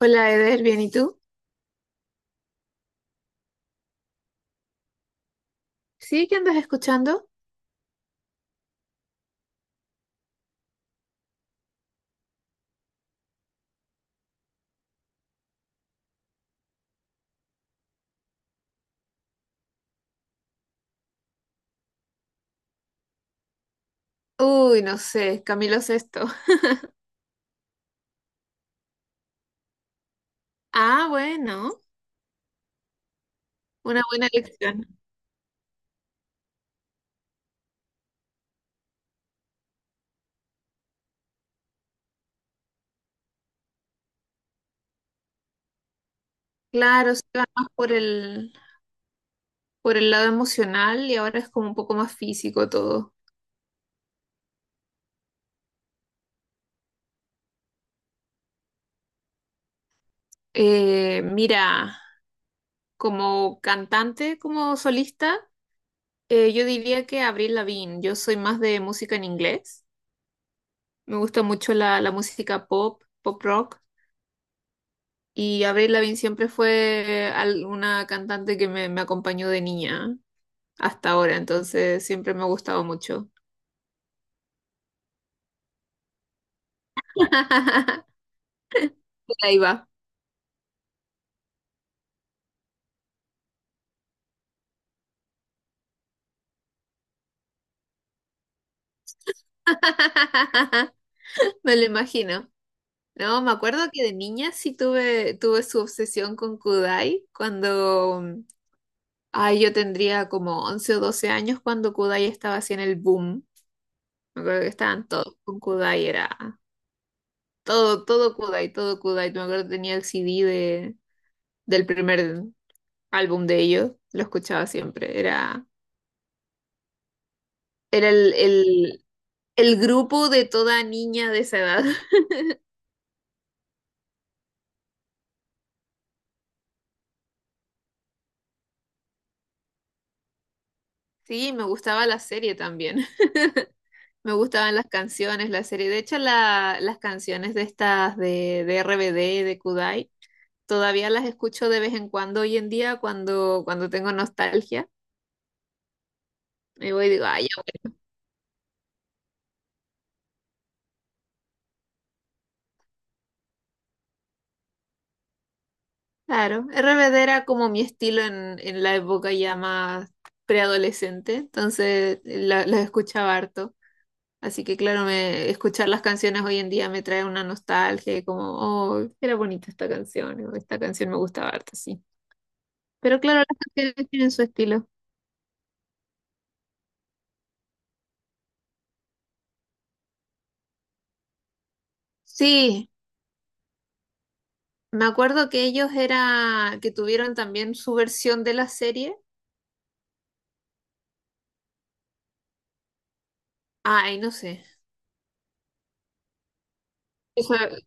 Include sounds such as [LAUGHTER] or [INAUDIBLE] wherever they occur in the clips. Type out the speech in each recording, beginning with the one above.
Hola Eder, ¿bien y tú? ¿Sí? ¿Qué andas escuchando? Uy, no sé, Camilo Sesto. [LAUGHS] Ah, bueno, una buena elección. Claro, se va más por el lado emocional y ahora es como un poco más físico todo. Mira, como cantante, como solista, yo diría que Avril Lavigne. Yo soy más de música en inglés. Me gusta mucho la música pop, pop rock. Y Avril Lavigne siempre una cantante que me acompañó de niña hasta ahora, entonces siempre me ha gustado mucho. [LAUGHS] Por ahí va. [LAUGHS] Me lo imagino. No, me acuerdo que de niña sí tuve su obsesión con Kudai cuando, ay, yo tendría como 11 o 12 años cuando Kudai estaba así en el boom. Me acuerdo que estaban todos con Kudai, era todo Kudai, todo Kudai. Me acuerdo que tenía el CD del primer álbum de ellos, lo escuchaba siempre. Era el grupo de toda niña de esa edad. [LAUGHS] Sí, me gustaba la serie también. [LAUGHS] Me gustaban las canciones, la serie. De hecho, las canciones de estas de RBD, de Kudai, todavía las escucho de vez en cuando hoy en día cuando tengo nostalgia. Me voy y digo, ay, ya, claro. RBD era como mi estilo en la época ya más preadolescente, entonces las escuchaba harto. Así que claro, me, escuchar las canciones hoy en día me trae una nostalgia, y como, oh, era bonita esta canción, o esta canción me gustaba harto, sí. Pero claro, las canciones tienen su estilo. Sí, me acuerdo que ellos era, que tuvieron también su versión de la serie. Ay, no sé. Eso-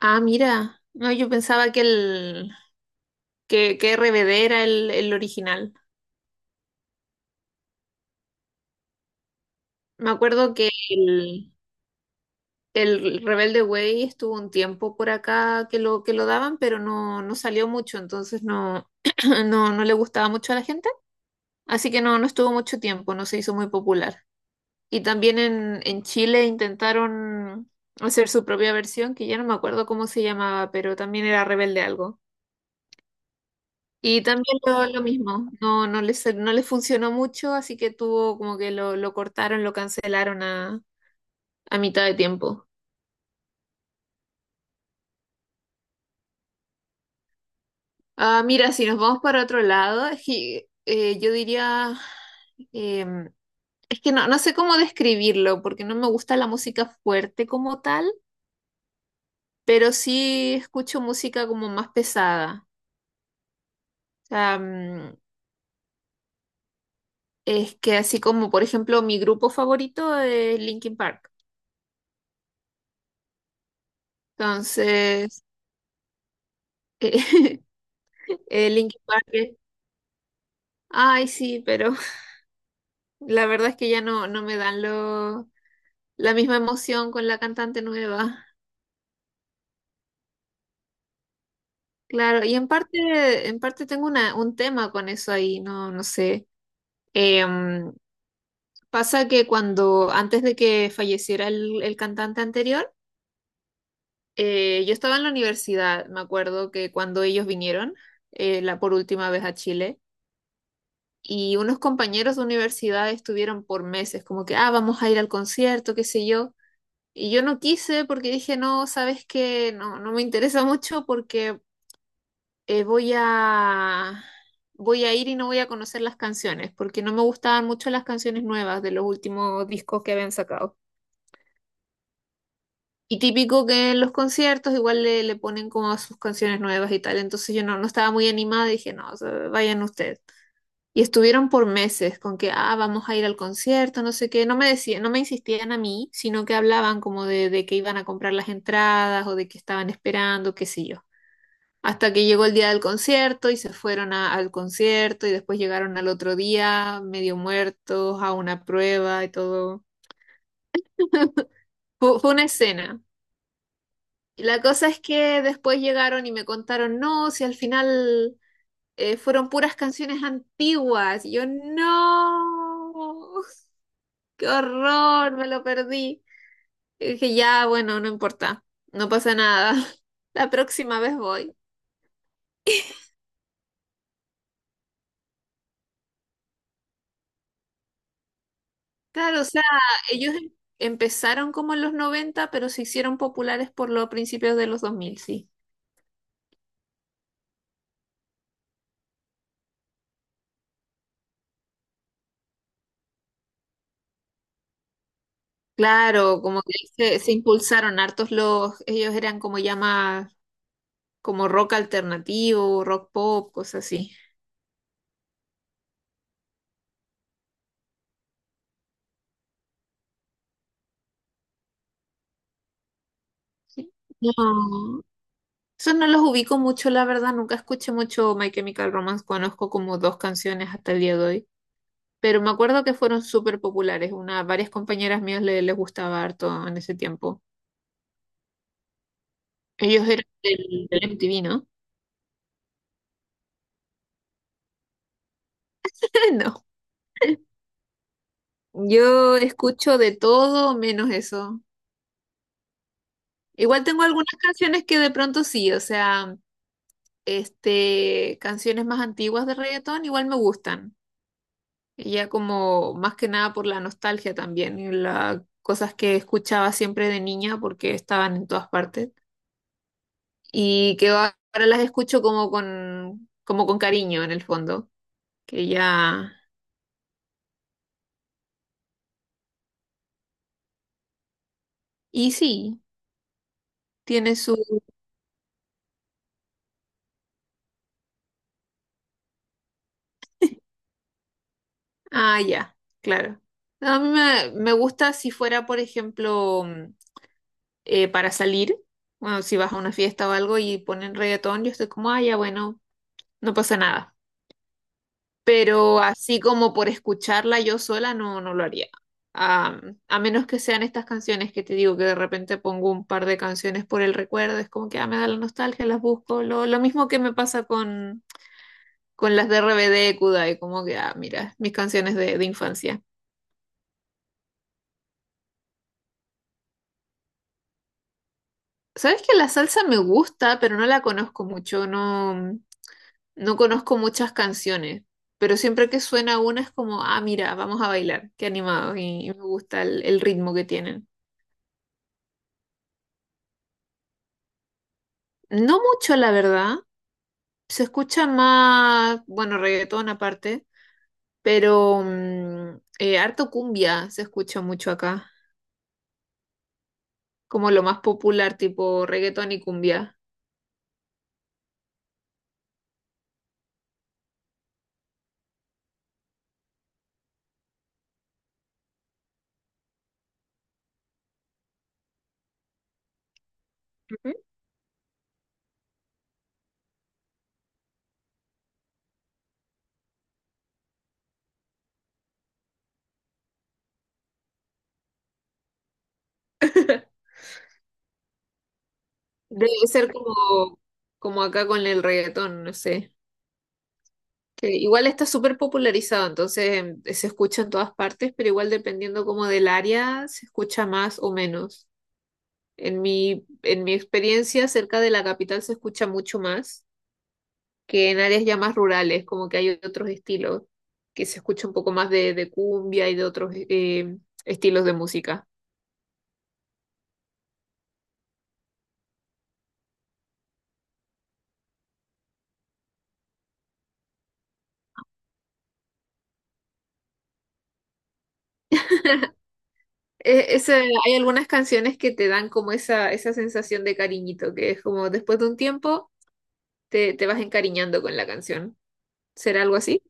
mira. No, yo pensaba que que RBD era el original. Me acuerdo que el Rebelde Way estuvo un tiempo por acá que lo daban, pero no, no salió mucho, entonces no, [CLEARS THROAT] no, no le gustaba mucho a la gente, así que no, no estuvo mucho tiempo, no se hizo muy popular. Y también en Chile intentaron hacer su propia versión, que ya no me acuerdo cómo se llamaba, pero también era Rebelde algo. Y también lo mismo, no les funcionó mucho, así que tuvo como que lo cortaron, lo cancelaron a mitad de tiempo. Ah, mira, si nos vamos para otro lado, es que, yo diría, em, es que no, no sé cómo describirlo, porque no me gusta la música fuerte como tal, pero sí escucho música como más pesada. O sea, es que así como, por ejemplo, mi grupo favorito es Linkin Park. Entonces, eh, [LAUGHS] Linkin ay, sí, pero [LAUGHS] la verdad es que ya no, no me dan la misma emoción con la cantante nueva. Claro, y en parte tengo un tema con eso ahí, no, no sé. Em, Pasa que cuando, antes de que falleciera el cantante anterior, yo estaba en la universidad, me acuerdo que cuando ellos vinieron, la por última vez a Chile, y unos compañeros de universidad estuvieron por meses, como que, ah, vamos a ir al concierto, qué sé yo. Y yo no quise porque dije, no, sabes que no, no me interesa mucho porque eh, voy a, voy a ir y no voy a conocer las canciones, porque no me gustaban mucho las canciones nuevas de los últimos discos que habían sacado. Y típico que en los conciertos igual le ponen como sus canciones nuevas y tal. Entonces yo no, no estaba muy animada y dije, no, o sea, vayan ustedes. Y estuvieron por meses con que, ah, vamos a ir al concierto, no sé qué. No me decían, no me insistían a mí, sino que hablaban como de que iban a comprar las entradas o de que estaban esperando, qué sé yo. Hasta que llegó el día del concierto y se fueron al concierto y después llegaron al otro día medio muertos a una prueba y todo. Fue una escena. Y la cosa es que después llegaron y me contaron, no, si al final fueron puras canciones antiguas. Y yo, no, qué horror, me lo perdí. Y dije, ya, bueno, no importa, no pasa nada. [LAUGHS] La próxima vez voy. Claro, o sea, ellos empezaron como en los 90, pero se hicieron populares por los principios de los 2000, sí. Claro, como que se impulsaron hartos los, ellos eran como ya más, como rock alternativo, rock pop, cosas así. Sí. No, eso no los ubico mucho, la verdad, nunca escuché mucho My Chemical Romance, conozco como dos canciones hasta el día de hoy, pero me acuerdo que fueron súper populares, una, varias compañeras mías les gustaba harto en ese tiempo. Ellos eran del, del MTV, ¿no? [LAUGHS] No, yo escucho de todo menos eso. Igual tengo algunas canciones que de pronto sí, o sea, este, canciones más antiguas de reggaetón igual me gustan. Y ya como más que nada por la nostalgia también, y las cosas que escuchaba siempre de niña porque estaban en todas partes y que ahora las escucho como con cariño en el fondo, que ya y sí, tiene. Ah, ya, claro. No, a mí me gusta si fuera, por ejemplo, para salir, bueno, si vas a una fiesta o algo y ponen reggaetón, yo estoy como, ah, ya, bueno, no pasa nada. Pero así como por escucharla yo sola, no, no lo haría. Ah, a menos que sean estas canciones que te digo que de repente pongo un par de canciones por el recuerdo, es como que ah, me da la nostalgia, las busco. Lo mismo que me pasa con las de RBD, Kudai, como que, ah, mira, mis canciones de infancia. Sabes que la salsa me gusta, pero no la conozco mucho, no, no conozco muchas canciones, pero siempre que suena una es como, ah, mira, vamos a bailar, qué animado, y me gusta el ritmo que tienen. No mucho, la verdad, se escucha más, bueno, reggaetón aparte, pero harto cumbia se escucha mucho acá, como lo más popular, tipo reggaetón y cumbia. Ujú. Debe ser como, como acá con el reggaetón, no sé. Que igual está súper popularizado, entonces se escucha en todas partes, pero igual dependiendo como del área se escucha más o menos. En mi experiencia, cerca de la capital se escucha mucho más que en áreas ya más rurales, como que hay otros estilos, que se escucha un poco más de cumbia y de otros estilos de música. E- ese- Hay algunas canciones que te dan como esa sensación de cariñito, que es como después de un tiempo te vas encariñando con la canción. ¿Será algo así?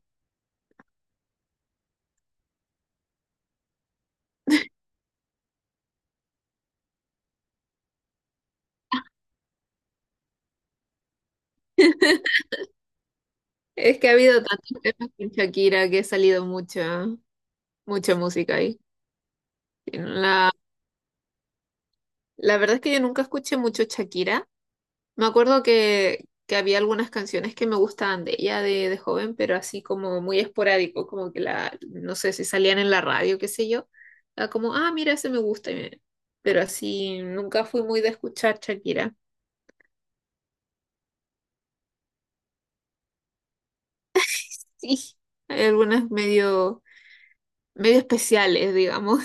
Es que ha habido tantos temas con Shakira que ha salido mucha, mucha música ahí. La, la verdad es que yo nunca escuché mucho Shakira. Me acuerdo que había algunas canciones que me gustaban de ella de joven, pero así como muy esporádico, como que la, no sé si salían en la radio, qué sé yo. Era como, ah, mira, ese me gusta pero así nunca fui muy de escuchar Shakira. Sí, hay algunas medio, medio especiales, digamos.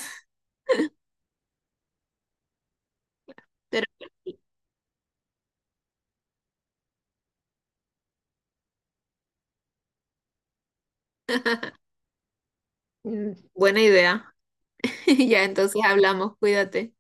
[LAUGHS] Pero buena idea. [LAUGHS] Ya, entonces hablamos, cuídate.